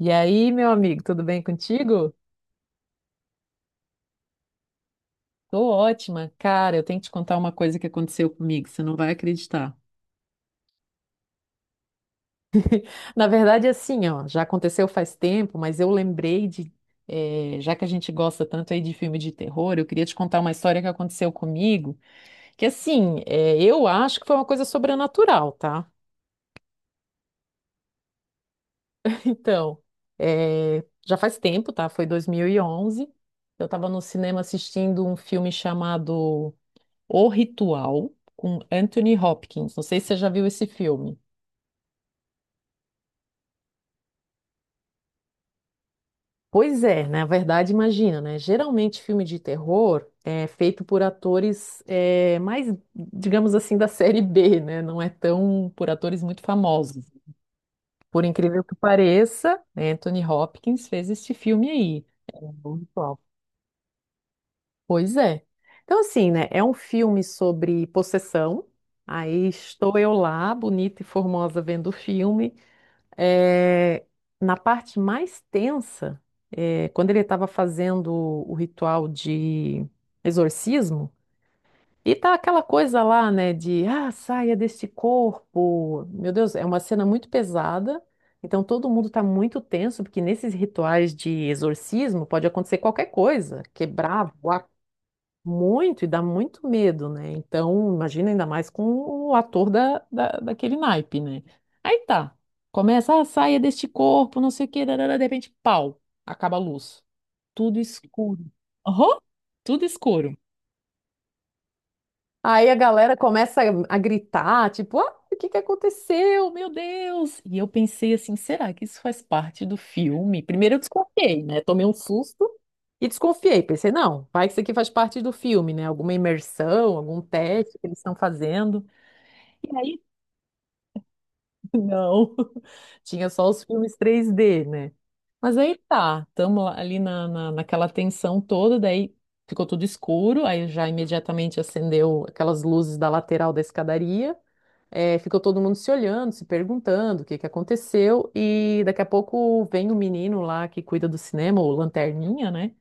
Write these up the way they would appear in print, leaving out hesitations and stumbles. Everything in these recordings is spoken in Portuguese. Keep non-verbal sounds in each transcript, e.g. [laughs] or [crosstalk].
E aí, meu amigo, tudo bem contigo? Tô ótima. Cara, eu tenho que te contar uma coisa que aconteceu comigo, você não vai acreditar. Na verdade, assim, ó, já aconteceu faz tempo, mas eu lembrei de, já que a gente gosta tanto aí de filme de terror, eu queria te contar uma história que aconteceu comigo, que assim, eu acho que foi uma coisa sobrenatural, tá? [laughs] Então, já faz tempo, tá? Foi 2011. Eu estava no cinema assistindo um filme chamado O Ritual com Anthony Hopkins. Não sei se você já viu esse filme. Pois é, na verdade, imagina, né? Geralmente filme de terror é feito por atores é, mais, digamos assim, da [laughs] série B, né? Não é tão por atores muito famosos. Por incrível que pareça, Anthony Hopkins fez este filme aí. É, o Ritual. Pois é. Então, assim, né? É um filme sobre possessão. Aí estou eu lá, bonita e formosa, vendo o filme. É, na parte mais tensa, é, quando ele estava fazendo o ritual de exorcismo, e tá aquela coisa lá, né, de ah, saia deste corpo. Meu Deus, é uma cena muito pesada. Então todo mundo está muito tenso, porque nesses rituais de exorcismo pode acontecer qualquer coisa, quebrar, voar muito, e dá muito medo, né? Então, imagina ainda mais com o ator daquele naipe, né? Aí tá. Começa a saia deste corpo, não sei o quê, darará, de repente, pau, acaba a luz. Tudo escuro. Aham, tudo escuro. Aí a galera começa a gritar, tipo, ah, o que que aconteceu? Meu Deus! E eu pensei assim, será que isso faz parte do filme? Primeiro eu desconfiei, né? Tomei um susto. E desconfiei, pensei, não, vai que isso aqui faz parte do filme, né? Alguma imersão, algum teste que eles estão fazendo. E aí, [laughs] não, [laughs] tinha só os filmes 3D, né? Mas aí tá, estamos ali naquela tensão toda, daí ficou tudo escuro, aí já imediatamente acendeu aquelas luzes da lateral da escadaria. É, ficou todo mundo se olhando, se perguntando o que que aconteceu, e daqui a pouco vem o menino lá que cuida do cinema, o Lanterninha, né?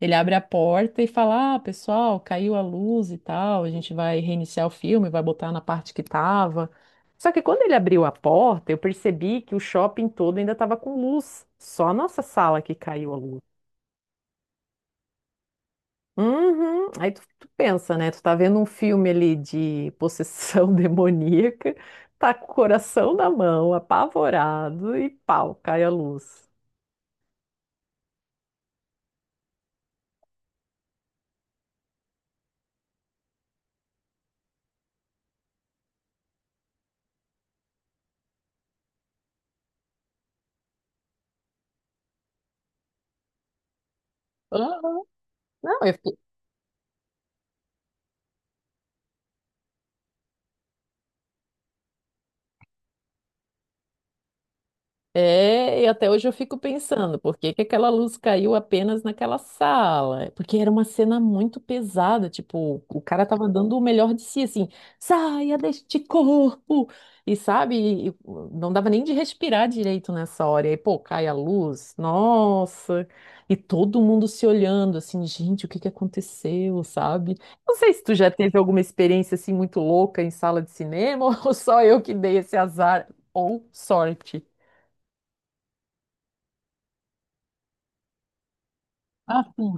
Ele abre a porta e fala: ah, pessoal, caiu a luz e tal, a gente vai reiniciar o filme, vai botar na parte que tava. Só que quando ele abriu a porta, eu percebi que o shopping todo ainda tava com luz, só a nossa sala que caiu a luz. Uhum. Aí tu pensa, né? Tu tá vendo um filme ali de possessão [laughs] demoníaca, tá com o coração na mão, apavorado e pau, cai a luz. Aham. Não, eu fiquei. É, e até hoje eu fico pensando, por que que aquela luz caiu apenas naquela sala? Porque era uma cena muito pesada, tipo, o cara tava dando o melhor de si, assim, saia deste corpo! E sabe, não dava nem de respirar direito nessa hora. E aí, pô, cai a luz, nossa! E todo mundo se olhando, assim, gente, o que que aconteceu, sabe? Não sei se tu já teve alguma experiência, assim, muito louca em sala de cinema, [laughs] ou só eu que dei esse azar, ou sorte. Ah, sim.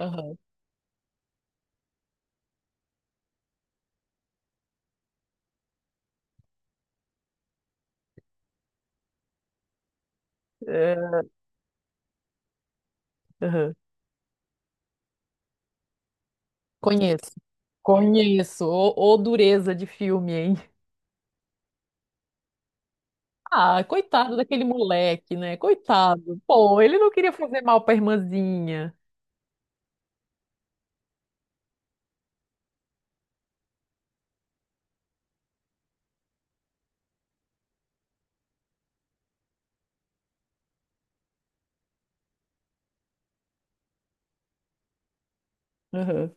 Aham. É, aham. Conheço. Conheço. Ô, ô dureza de filme, hein? Ah, coitado daquele moleque, né? Coitado. Pô, ele não queria fazer mal pra irmãzinha. Aham.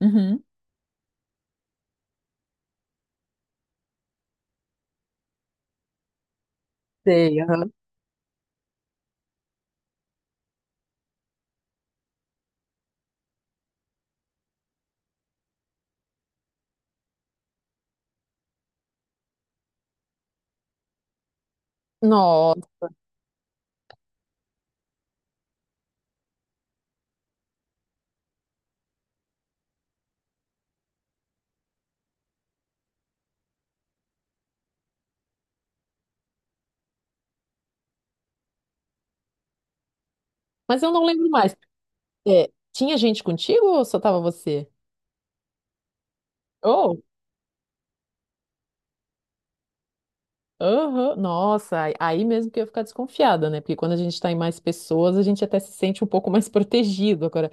Uhum. Sei, aham. Nossa. Mas eu não lembro mais. É, tinha gente contigo ou só tava você? Oh, aham. Nossa, aí mesmo que eu ia ficar desconfiada, né? Porque quando a gente tá em mais pessoas, a gente até se sente um pouco mais [laughs] protegido. Agora,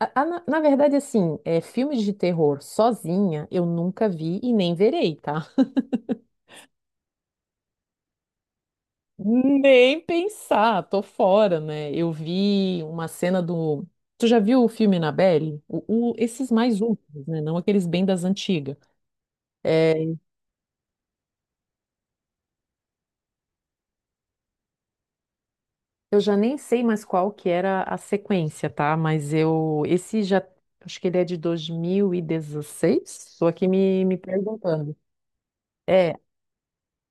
A- a- na, na verdade, assim, é, filmes de terror sozinha eu nunca vi e nem verei, tá? Nem pensar, tô fora, né? Eu vi uma cena do. Tu já viu o filme Annabelle? Esses mais últimos, né? Não aqueles bem das antigas. É, eu já nem sei mais qual que era a sequência, tá? Mas eu. Esse já. Acho que ele é de 2016. Estou aqui me perguntando. É.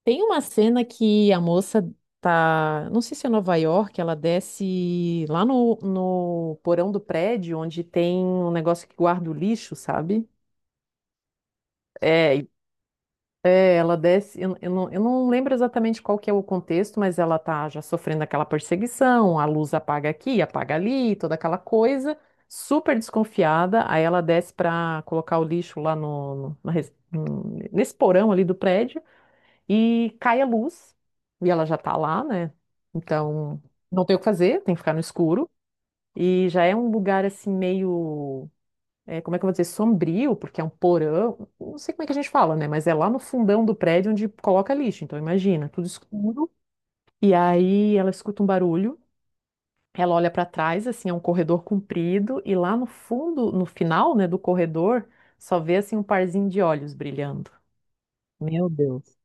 Tem uma cena que a moça tá, não sei se é Nova York, ela desce lá no porão do prédio, onde tem um negócio que guarda o lixo, sabe? É, e é, ela desce, eu não lembro exatamente qual que é o contexto, mas ela tá já sofrendo aquela perseguição, a luz apaga aqui, apaga ali, toda aquela coisa, super desconfiada, aí ela desce pra colocar o lixo lá no, no- na res- no- nesse porão ali do prédio, e cai a luz, e ela já tá lá, né? Então, não tem o que fazer, tem que ficar no escuro. E já é um lugar assim meio, é, como é que eu vou dizer, sombrio, porque é um porão, não sei como é que a gente fala, né? Mas é lá no fundão do prédio onde coloca lixo. Então, imagina, tudo escuro. E aí ela escuta um barulho. Ela olha para trás, assim, é um corredor comprido, e lá no fundo, no final, né, do corredor, só vê assim um parzinho de olhos brilhando. Meu Deus,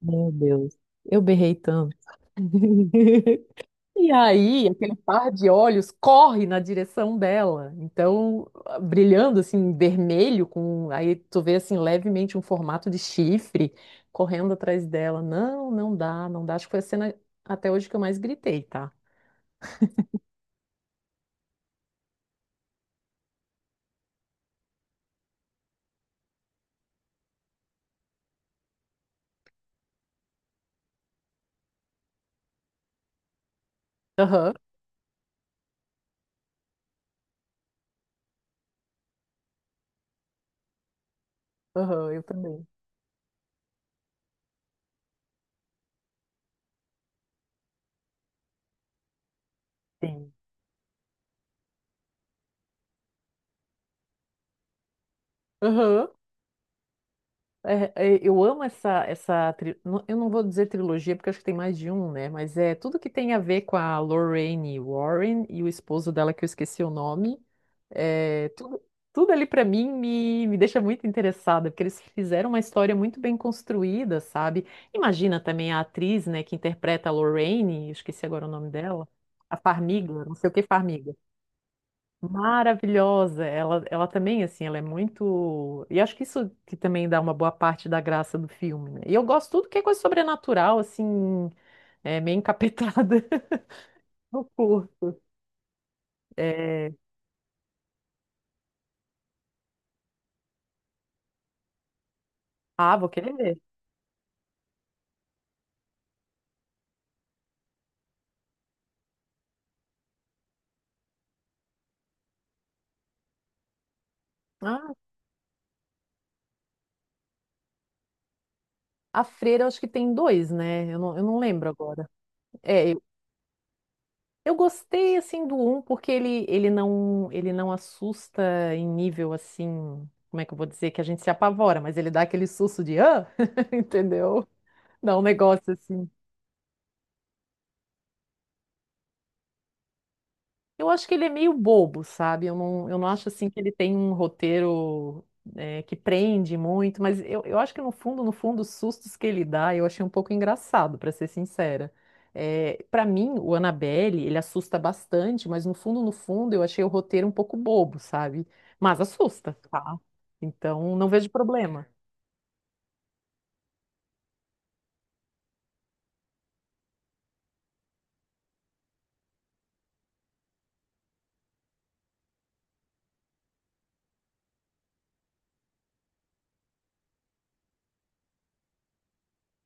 meu Deus. Eu berrei tanto. [laughs] E aí, aquele par de olhos corre na direção dela. Então, brilhando assim, vermelho, com aí tu vê assim levemente um formato de chifre correndo atrás dela. Não, não dá, não dá. Acho que foi a cena até hoje que eu mais gritei, tá? Aham, aham, eu também. Sim. Aham. É, é, eu amo essa, tri- não- eu não vou dizer trilogia, porque acho que tem mais de um, né? Mas é tudo que tem a ver com a Lorraine Warren e o esposo dela, que eu esqueci o nome. É, tudo, tudo ali pra mim me deixa muito interessada, porque eles fizeram uma história muito bem construída, sabe? Imagina também a atriz, né, que interpreta a Lorraine, eu esqueci agora o nome dela, a Farmiga, não sei o que Farmiga. Maravilhosa. Ela também, assim, ela é muito. E acho que isso que também dá uma boa parte da graça do filme, né? E eu gosto tudo que é coisa sobrenatural, assim, meio encapetada. [laughs] Eu curto. É... Ah, vou querer ver. Ah, a Freira, eu acho que tem dois, né? Eu não lembro agora. É, eu gostei, assim, do um, porque ele não assusta em nível, assim, como é que eu vou dizer, que a gente se apavora, mas ele dá aquele susto de, ah, [laughs] entendeu? Dá um negócio assim. Eu acho que ele é meio bobo, sabe? Eu não acho assim que ele tem um roteiro que prende muito, mas eu acho que no fundo, no fundo, os sustos que ele dá, eu achei um pouco engraçado, pra ser sincera. É, para mim, o Annabelle, ele assusta bastante, mas no fundo, no fundo, eu achei o roteiro um pouco bobo, sabe? Mas assusta, tá? Então, não vejo problema.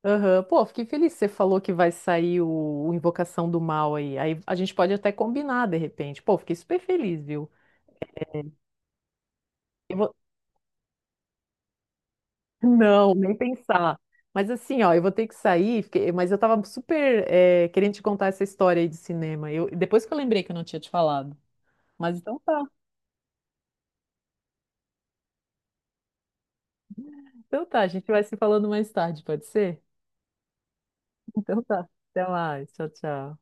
Aham, pô, fiquei feliz que você falou que vai sair o Invocação do Mal aí. Aí a gente pode até combinar de repente. Pô, fiquei super feliz, viu? Eu vou- Não, nem pensar. Mas assim, ó, eu vou ter que sair, fiquei- mas eu tava super querendo te contar essa história aí de cinema. Eu, depois que eu lembrei que eu não tinha te falado. Mas então tá, a gente vai se falando mais tarde, pode ser? Então tá, até mais, tchau, tchau.